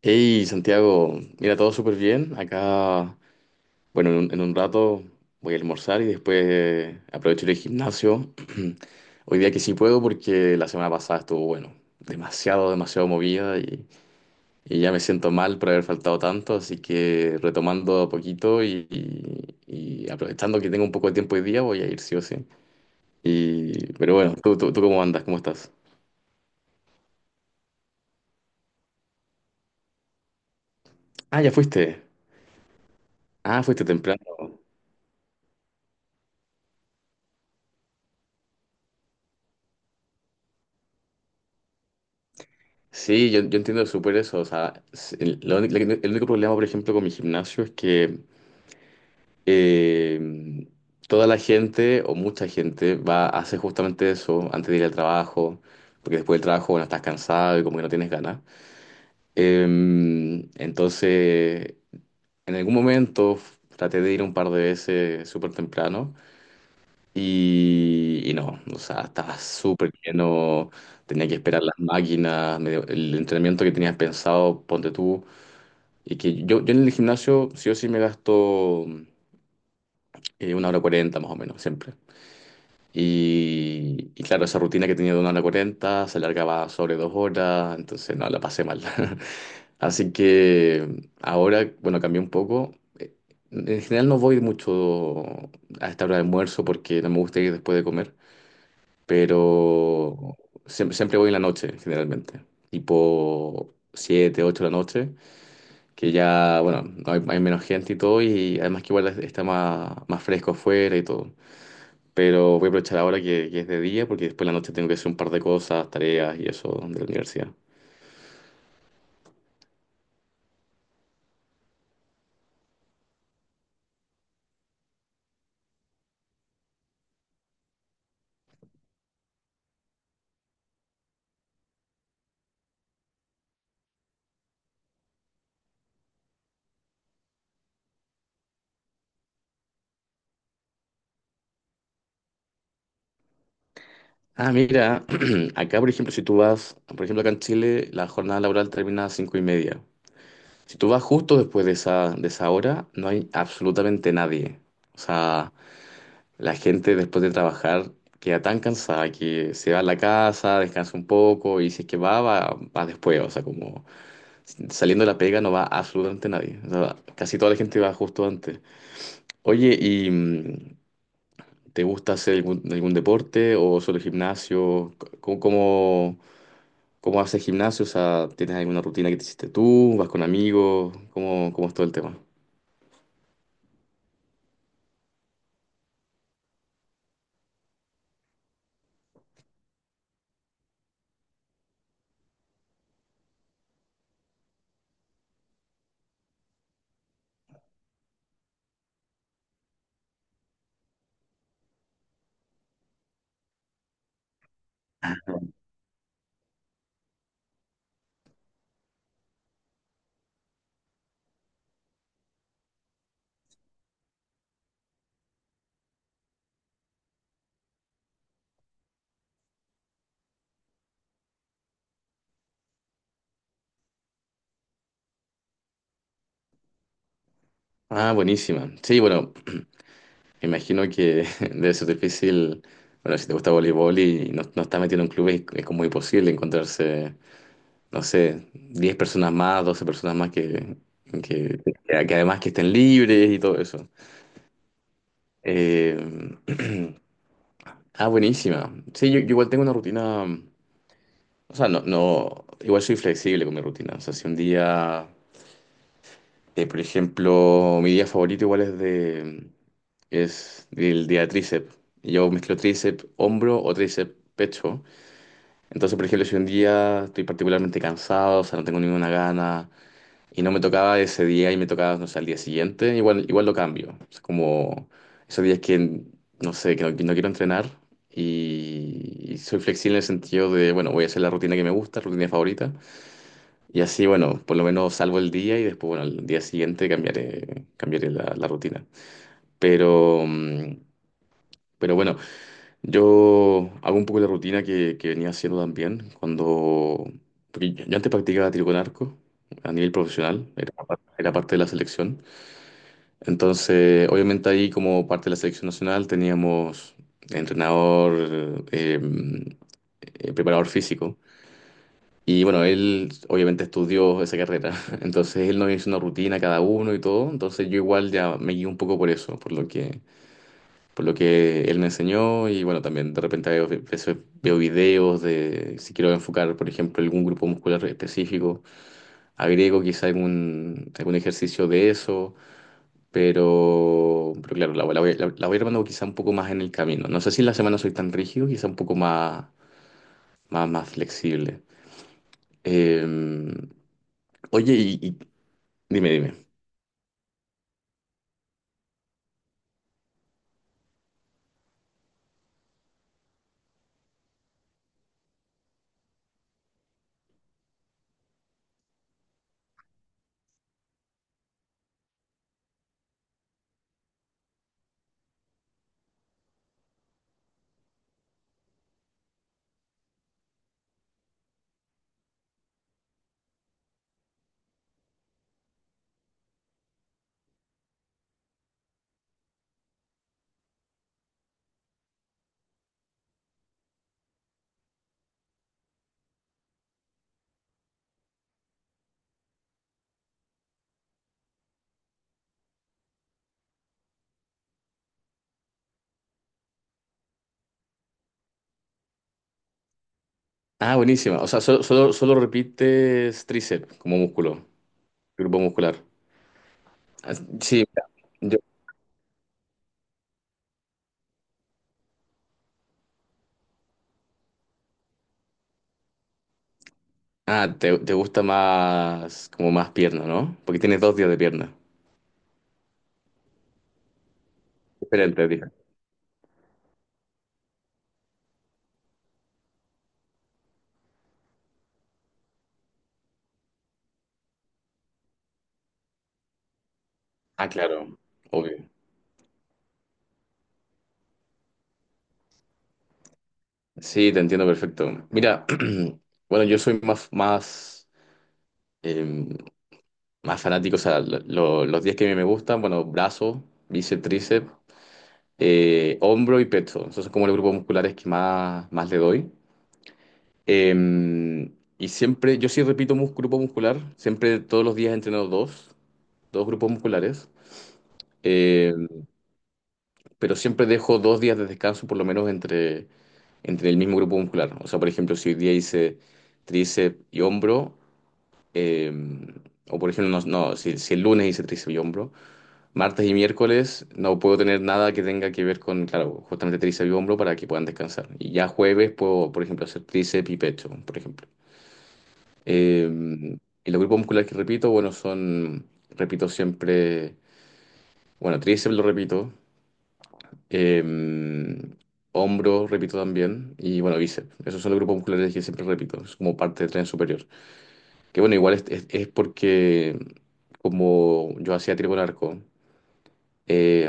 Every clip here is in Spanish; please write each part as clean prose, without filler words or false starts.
Hey Santiago, mira, todo súper bien. Acá, bueno, en un rato voy a almorzar y después aprovecho el gimnasio. Hoy día que sí puedo porque la semana pasada estuvo, bueno, demasiado, demasiado movida y ya me siento mal por haber faltado tanto, así que retomando a poquito y aprovechando que tengo un poco de tiempo hoy día voy a ir sí o sí. Y pero bueno, ¿tú cómo andas? ¿Cómo estás? Ah, ya fuiste. Ah, fuiste temprano. Sí, yo entiendo súper eso. O sea, s- el, la uni- la- el único problema, por ejemplo, con mi gimnasio es que eh, toda la gente o mucha gente va a hacer justamente eso antes de ir al trabajo, porque después del trabajo, bueno, estás cansado y como que no tienes ganas. Entonces, en algún momento traté de ir un par de veces súper temprano y no, o sea, estaba súper lleno, tenía que esperar las máquinas, medio- el entrenamiento que tenías pensado, ponte tú. Y que yo en el gimnasio sí o sí me gasto 1 hora 40 más o menos, siempre. Y claro, esa rutina que tenía de 1 hora 40 se alargaba sobre 2 horas, entonces no, la pasé mal. Así que ahora, bueno, cambié un poco. En general no voy mucho a esta hora de almuerzo porque no me gusta ir después de comer, pero siempre, siempre voy en la noche, generalmente, tipo 7 u 8 de la noche, que ya, bueno, hay menos gente y todo, y además que igual es- está más, más fresco afuera y todo. Pero voy a aprovechar ahora que es de día, porque después en la noche tengo que hacer un par de cosas, tareas y eso de la universidad. Ah, mira, acá por ejemplo, si tú vas, por ejemplo, acá en Chile, la jornada laboral termina a las 5:30. Si tú vas justo después de esa hora, no hay absolutamente nadie. O sea, la gente después de trabajar queda tan cansada que se va a la casa, descansa un poco y si es que va, va después. O sea, como saliendo de la pega no va absolutamente nadie. O sea, casi toda la gente va justo antes. Oye, ¿y te gusta hacer algún deporte o solo gimnasio? ¿Cómo, cómo, cómo haces gimnasio? O sea, ¿tienes alguna rutina que te hiciste tú? ¿Vas con amigos? ¿Cómo es todo el tema? Ah, buenísima. Sí, bueno, me imagino que debe ser difícil. Bueno, si te gusta voleibol y no, no estás metido en un club, es como imposible encontrarse, no sé, 10 personas más, 12 personas más que, que además que estén libres y todo eso. Eh, ah, buenísima. Sí, yo igual tengo una rutina, o sea, no, no, igual soy flexible con mi rutina. O sea, si un día, por ejemplo, mi día favorito igual es de, es el día de tríceps. Y yo mezclo tríceps, hombro o tríceps, pecho. Entonces, por ejemplo, si un día estoy particularmente cansado, o sea, no tengo ninguna gana, y no me tocaba ese día y me tocaba, no sé, al día siguiente, igual, igual lo cambio. Es como esos días que, no sé, que no quiero entrenar y soy flexible en el sentido de, bueno, voy a hacer la rutina que me gusta, rutina favorita. Y así, bueno, por lo menos salvo el día y después, bueno, al día siguiente cambiaré, cambiaré la, la rutina. Pero, pero bueno, yo hago un poco la rutina que venía haciendo también cuando... Porque yo antes practicaba tiro con arco a nivel profesional, era, era parte de la selección. Entonces, obviamente ahí como parte de la selección nacional teníamos entrenador, preparador físico. Y bueno, él obviamente estudió esa carrera. Entonces él nos hizo una rutina a cada uno y todo. Entonces yo igual ya me guié un poco por eso, por lo que él me enseñó. Y bueno, también de repente veces veo videos de si quiero enfocar, por ejemplo, algún grupo muscular específico, agrego quizá algún ejercicio de eso. Pero claro, la voy armando quizá un poco más en el camino. No sé si en la semana soy tan rígido, quizá un poco más, más flexible. Eh, Oye, dime, dime. Ah, buenísima. O sea, solo repites tríceps como músculo, grupo muscular. Ah, sí, yo- ah, te gusta más, como más pierna, ¿no? Porque tienes 2 días de pierna. Diferente, dije. Ah, claro, obvio. Sí, te entiendo perfecto. Mira, bueno, yo soy más, más em, más fanático, o sea, los 10 que me gustan, bueno, brazo, bíceps, tríceps, hombro y pecho. Esos son como los grupos musculares que más, le doy. Eh, y siempre, yo sí repito mus- grupo muscular, siempre todos los días entreno dos grupos musculares. Eh, pero siempre dejo 2 días de descanso por lo menos entre el mismo grupo muscular. O sea, por ejemplo, si hoy día hice tríceps y hombro, eh, o por ejemplo, no, no, si, si el lunes hice tríceps y hombro, martes y miércoles no puedo tener nada que tenga que ver con, claro, justamente tríceps y hombro para que puedan descansar. Y ya jueves puedo, por ejemplo, hacer tríceps y pecho, por ejemplo. Eh, y los grupos musculares que repito, bueno, son, repito siempre, bueno, tríceps lo repito, eh, hombro repito también, y bueno, bíceps. Esos son los grupos musculares que siempre repito, es como parte del tren superior. Que bueno, igual es porque como yo hacía tiro con arco. Eh,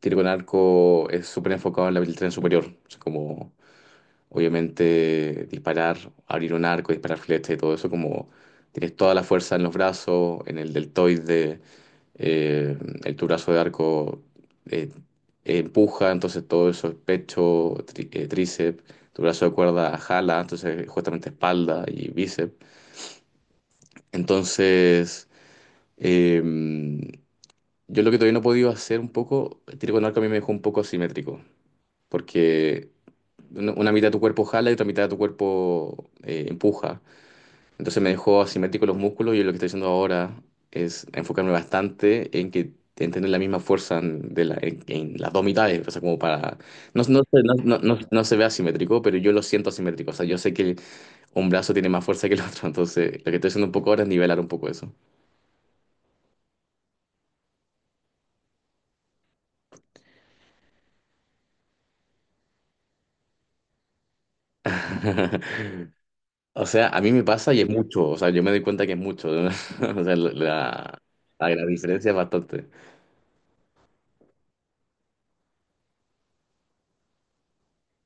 Tiro con arco es súper enfocado en la habilidad superior. O sea, como obviamente disparar, abrir un arco, disparar flechas y todo eso, como tienes toda la fuerza en los brazos, en el deltoide, eh, el tu brazo de arco eh, empuja, entonces todo eso es pecho, tríceps, tu brazo de cuerda jala, entonces justamente espalda y bíceps. Entonces... em, yo lo que todavía no he podido hacer un poco, el tiro con arco a mí me dejó un poco asimétrico, porque una mitad de tu cuerpo jala y otra mitad de tu cuerpo empuja. Entonces me dejó asimétrico los músculos y lo que estoy haciendo ahora es enfocarme bastante en que en tener la misma fuerza en, de la- en las dos mitades, o sea, como para... No, se ve asimétrico, pero yo lo siento asimétrico, o sea, yo sé que un brazo tiene más fuerza que el otro, entonces lo que estoy haciendo un poco ahora es nivelar un poco eso. O sea, a mí me pasa y es mucho, o sea, yo me doy cuenta que es mucho. O sea, la diferencia es bastante.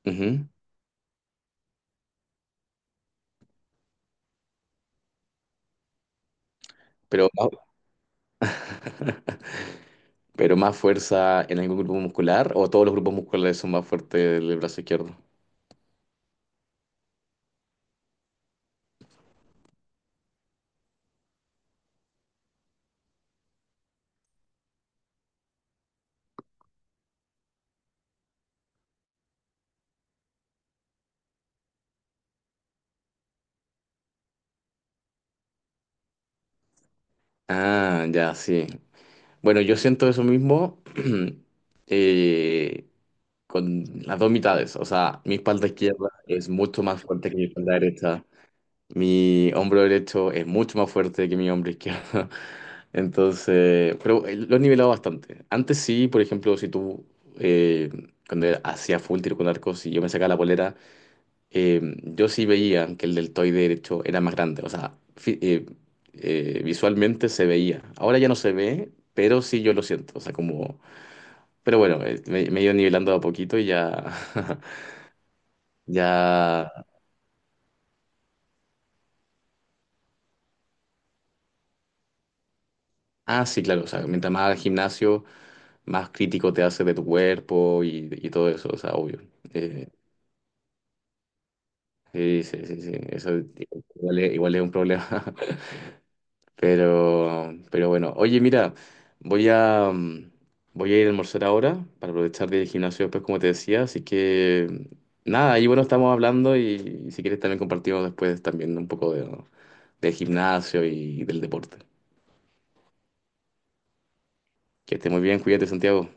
Ujú. Pero, pero más fuerza en algún grupo muscular o todos los grupos musculares son más fuertes del brazo izquierdo. Ah, ya, sí. Bueno, yo siento eso mismo eh, con las dos mitades, o sea, mi espalda izquierda es mucho más fuerte que mi espalda derecha. Mi hombro derecho es mucho más fuerte que mi hombro izquierdo. Entonces, pero lo he nivelado bastante. Antes sí, por ejemplo, si tú, eh, cuando hacía full tiro con arcos y yo me sacaba la polera, yo sí veía que el deltoide derecho era más grande. O sea, visualmente se veía. Ahora ya no se ve, pero sí yo lo siento. O sea, como... Pero bueno, me he ido nivelando de a poquito y ya... ya... Ah, sí, claro. O sea, mientras más al gimnasio... más crítico te hace de tu cuerpo y todo eso, o sea, obvio. Eh, sí, sí, sí, sí, eso igual es un problema. Pero bueno, oye, mira, voy a, mm, voy a ir a almorzar ahora para aprovechar del gimnasio después, como te decía, así que nada, ahí bueno, estamos hablando y, si quieres también compartimos después también un poco de, del gimnasio y del deporte. Que esté muy bien, cuídate, Santiago.